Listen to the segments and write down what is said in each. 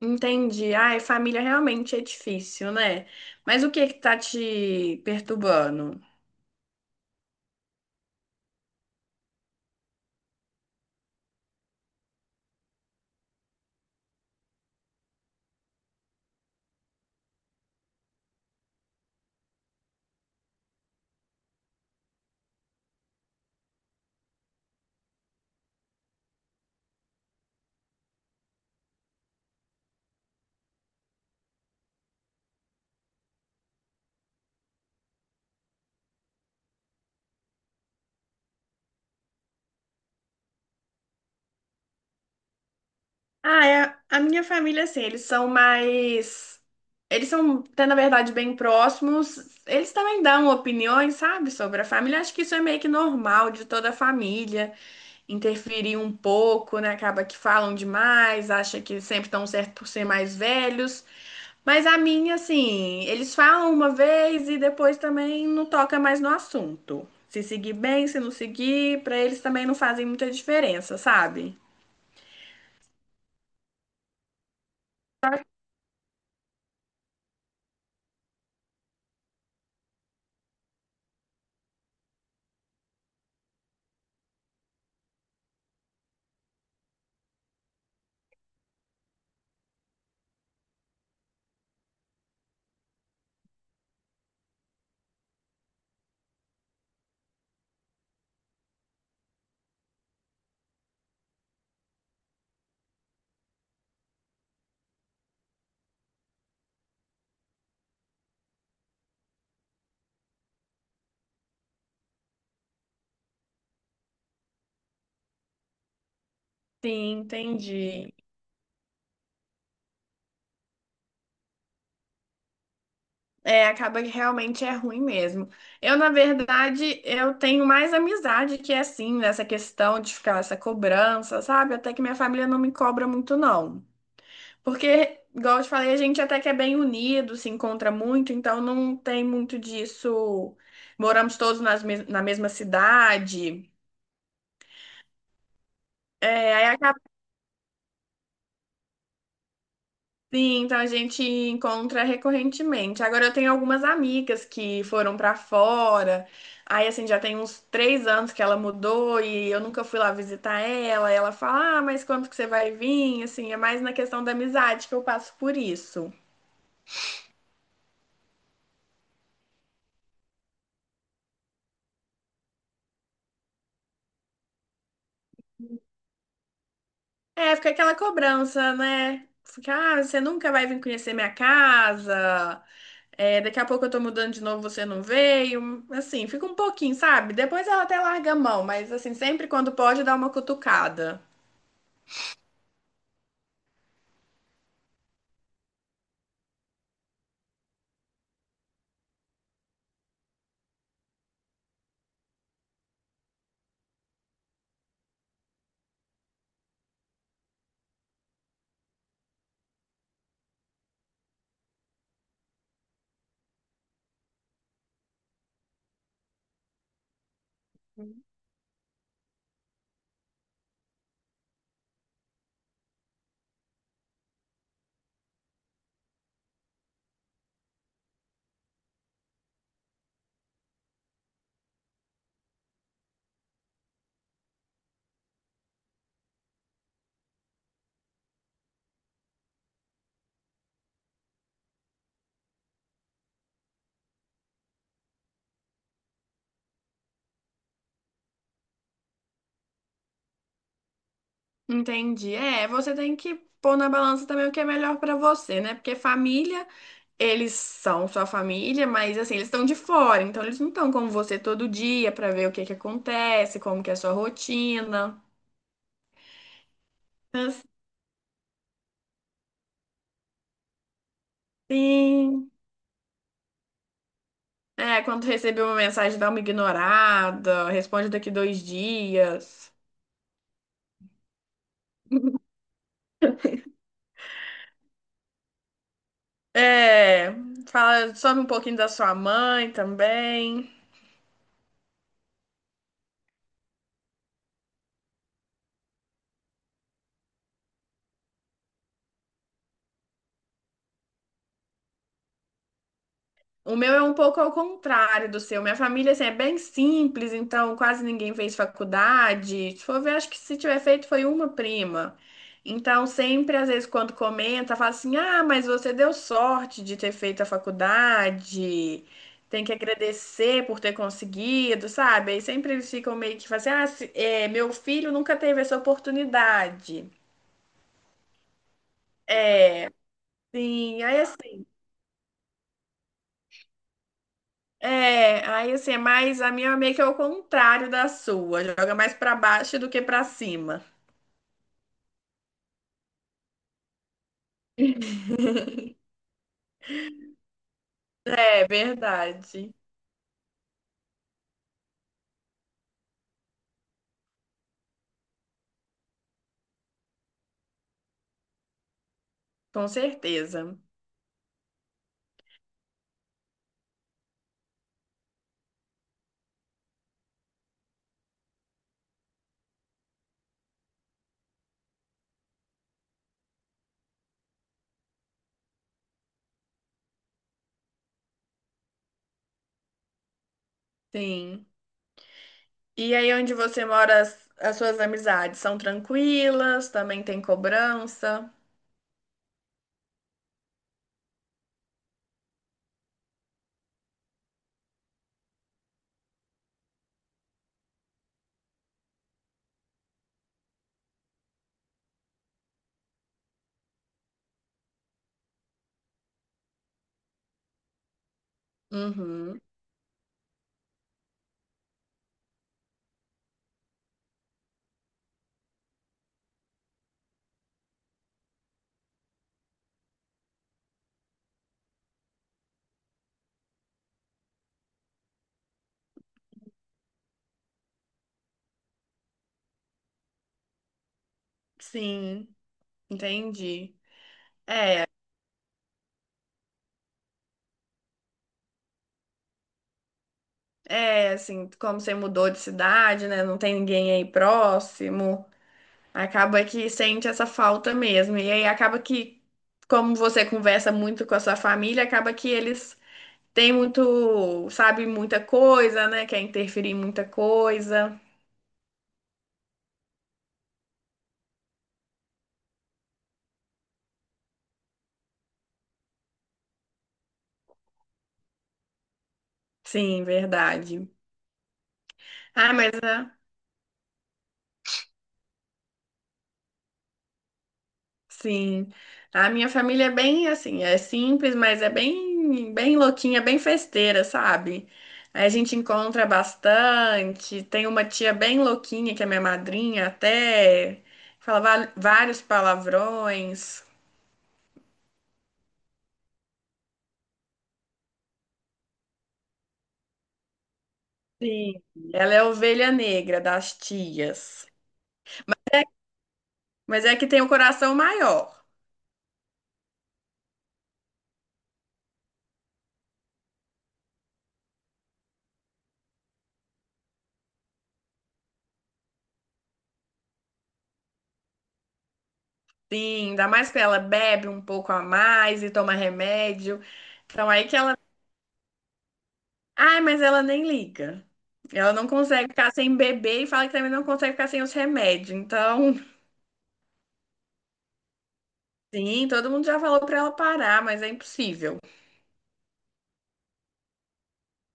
Entendi. Ai, família realmente é difícil, né? Mas o que tá te perturbando? Ah, é, a minha família, assim, eles são mais. Eles são, até na verdade, bem próximos. Eles também dão opiniões, sabe, sobre a família. Acho que isso é meio que normal de toda a família. Interferir um pouco, né? Acaba que falam demais, acha que sempre estão certo por ser mais velhos. Mas a minha, assim, eles falam uma vez e depois também não toca mais no assunto. Se seguir bem, se não seguir, pra eles também não fazem muita diferença, sabe? Sim, entendi. É, acaba que realmente é ruim mesmo. Eu, na verdade, eu tenho mais amizade que é assim, nessa questão de ficar essa cobrança, sabe? Até que minha família não me cobra muito, não. Porque, igual eu te falei, a gente até que é bem unido, se encontra muito, então não tem muito disso. Moramos todos na mesma cidade. É, aí acaba assim, então a gente encontra recorrentemente. Agora eu tenho algumas amigas que foram pra fora. Aí, assim, já tem uns três anos que ela mudou e eu nunca fui lá visitar ela. Ela fala, ah, mas quando que você vai vir? Assim, é mais na questão da amizade que eu passo por isso. É, fica aquela cobrança, né? Fica, ah, você nunca vai vir conhecer minha casa. É, daqui a pouco eu tô mudando de novo, você não veio. Assim, fica um pouquinho, sabe? Depois ela até larga a mão, mas assim, sempre quando pode dá uma cutucada. Entendi. É, você tem que pôr na balança também o que é melhor pra você, né? Porque família, eles são sua família, mas assim, eles estão de fora, então eles não estão com você todo dia pra ver o que acontece, como que é a sua rotina. Sim. É, quando receber uma mensagem, dá uma ignorada, responde daqui dois dias. É, fala, some um pouquinho da sua mãe também. O meu é um pouco ao contrário do seu. Minha família, assim, é bem simples, então quase ninguém fez faculdade. Se for ver, acho que se tiver feito foi uma prima. Então, sempre, às vezes, quando comenta, fala assim: ah, mas você deu sorte de ter feito a faculdade, tem que agradecer por ter conseguido, sabe? Aí sempre eles ficam meio que falam assim: é, meu filho nunca teve essa oportunidade. Sim, aí é, aí assim, é mais a minha é meio que é o contrário da sua, joga mais pra baixo do que pra cima. É verdade, com certeza. Sim. E aí onde você mora, as suas amizades são tranquilas, também tem cobrança. Uhum. Sim, entendi. É, assim, como você mudou de cidade, né? Não tem ninguém aí próximo. Acaba que sente essa falta mesmo. E aí acaba que, como você conversa muito com a sua família, acaba que eles têm muito, sabe, muita coisa, né? Quer interferir em muita coisa. Sim, verdade. Ah, mas ah, sim, a minha família é bem assim, é simples, mas é bem, bem louquinha, bem festeira, sabe? A gente encontra bastante. Tem uma tia bem louquinha, que é minha madrinha, até fala vários palavrões. Sim. Ela é a ovelha negra das tias, mas é que tem o coração maior. Sim, ainda mais que ela bebe um pouco a mais e toma remédio. Então, aí que ela ai, mas ela nem liga. Ela não consegue ficar sem beber e fala que também não consegue ficar sem os remédios. Então, sim, todo mundo já falou pra ela parar, mas é impossível.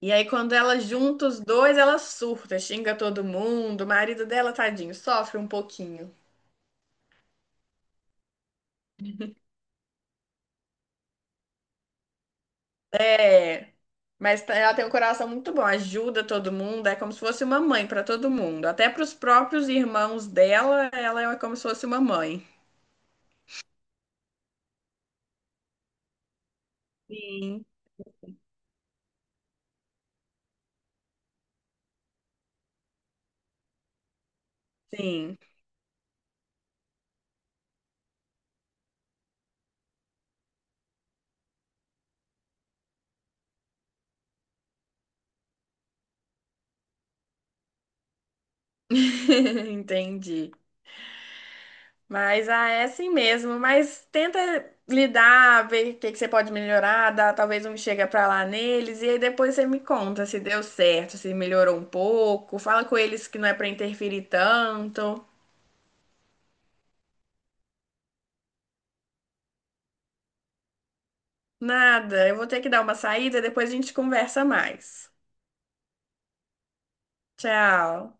E aí, quando ela junta os dois, ela surta, xinga todo mundo. O marido dela, tadinho, sofre um pouquinho. É, ela tem um coração muito bom, ajuda todo mundo, é como se fosse uma mãe pra todo mundo. Até pros próprios irmãos dela, ela é como se fosse uma mãe. Sim, sim. Entendi. Mas ah, é assim mesmo. Mas tenta lidar, ver o que você pode melhorar, dá, talvez um chega pra lá neles, e aí depois você me conta se deu certo, se melhorou um pouco. Fala com eles que não é pra interferir tanto. Nada, eu vou ter que dar uma saída, depois a gente conversa mais. Tchau.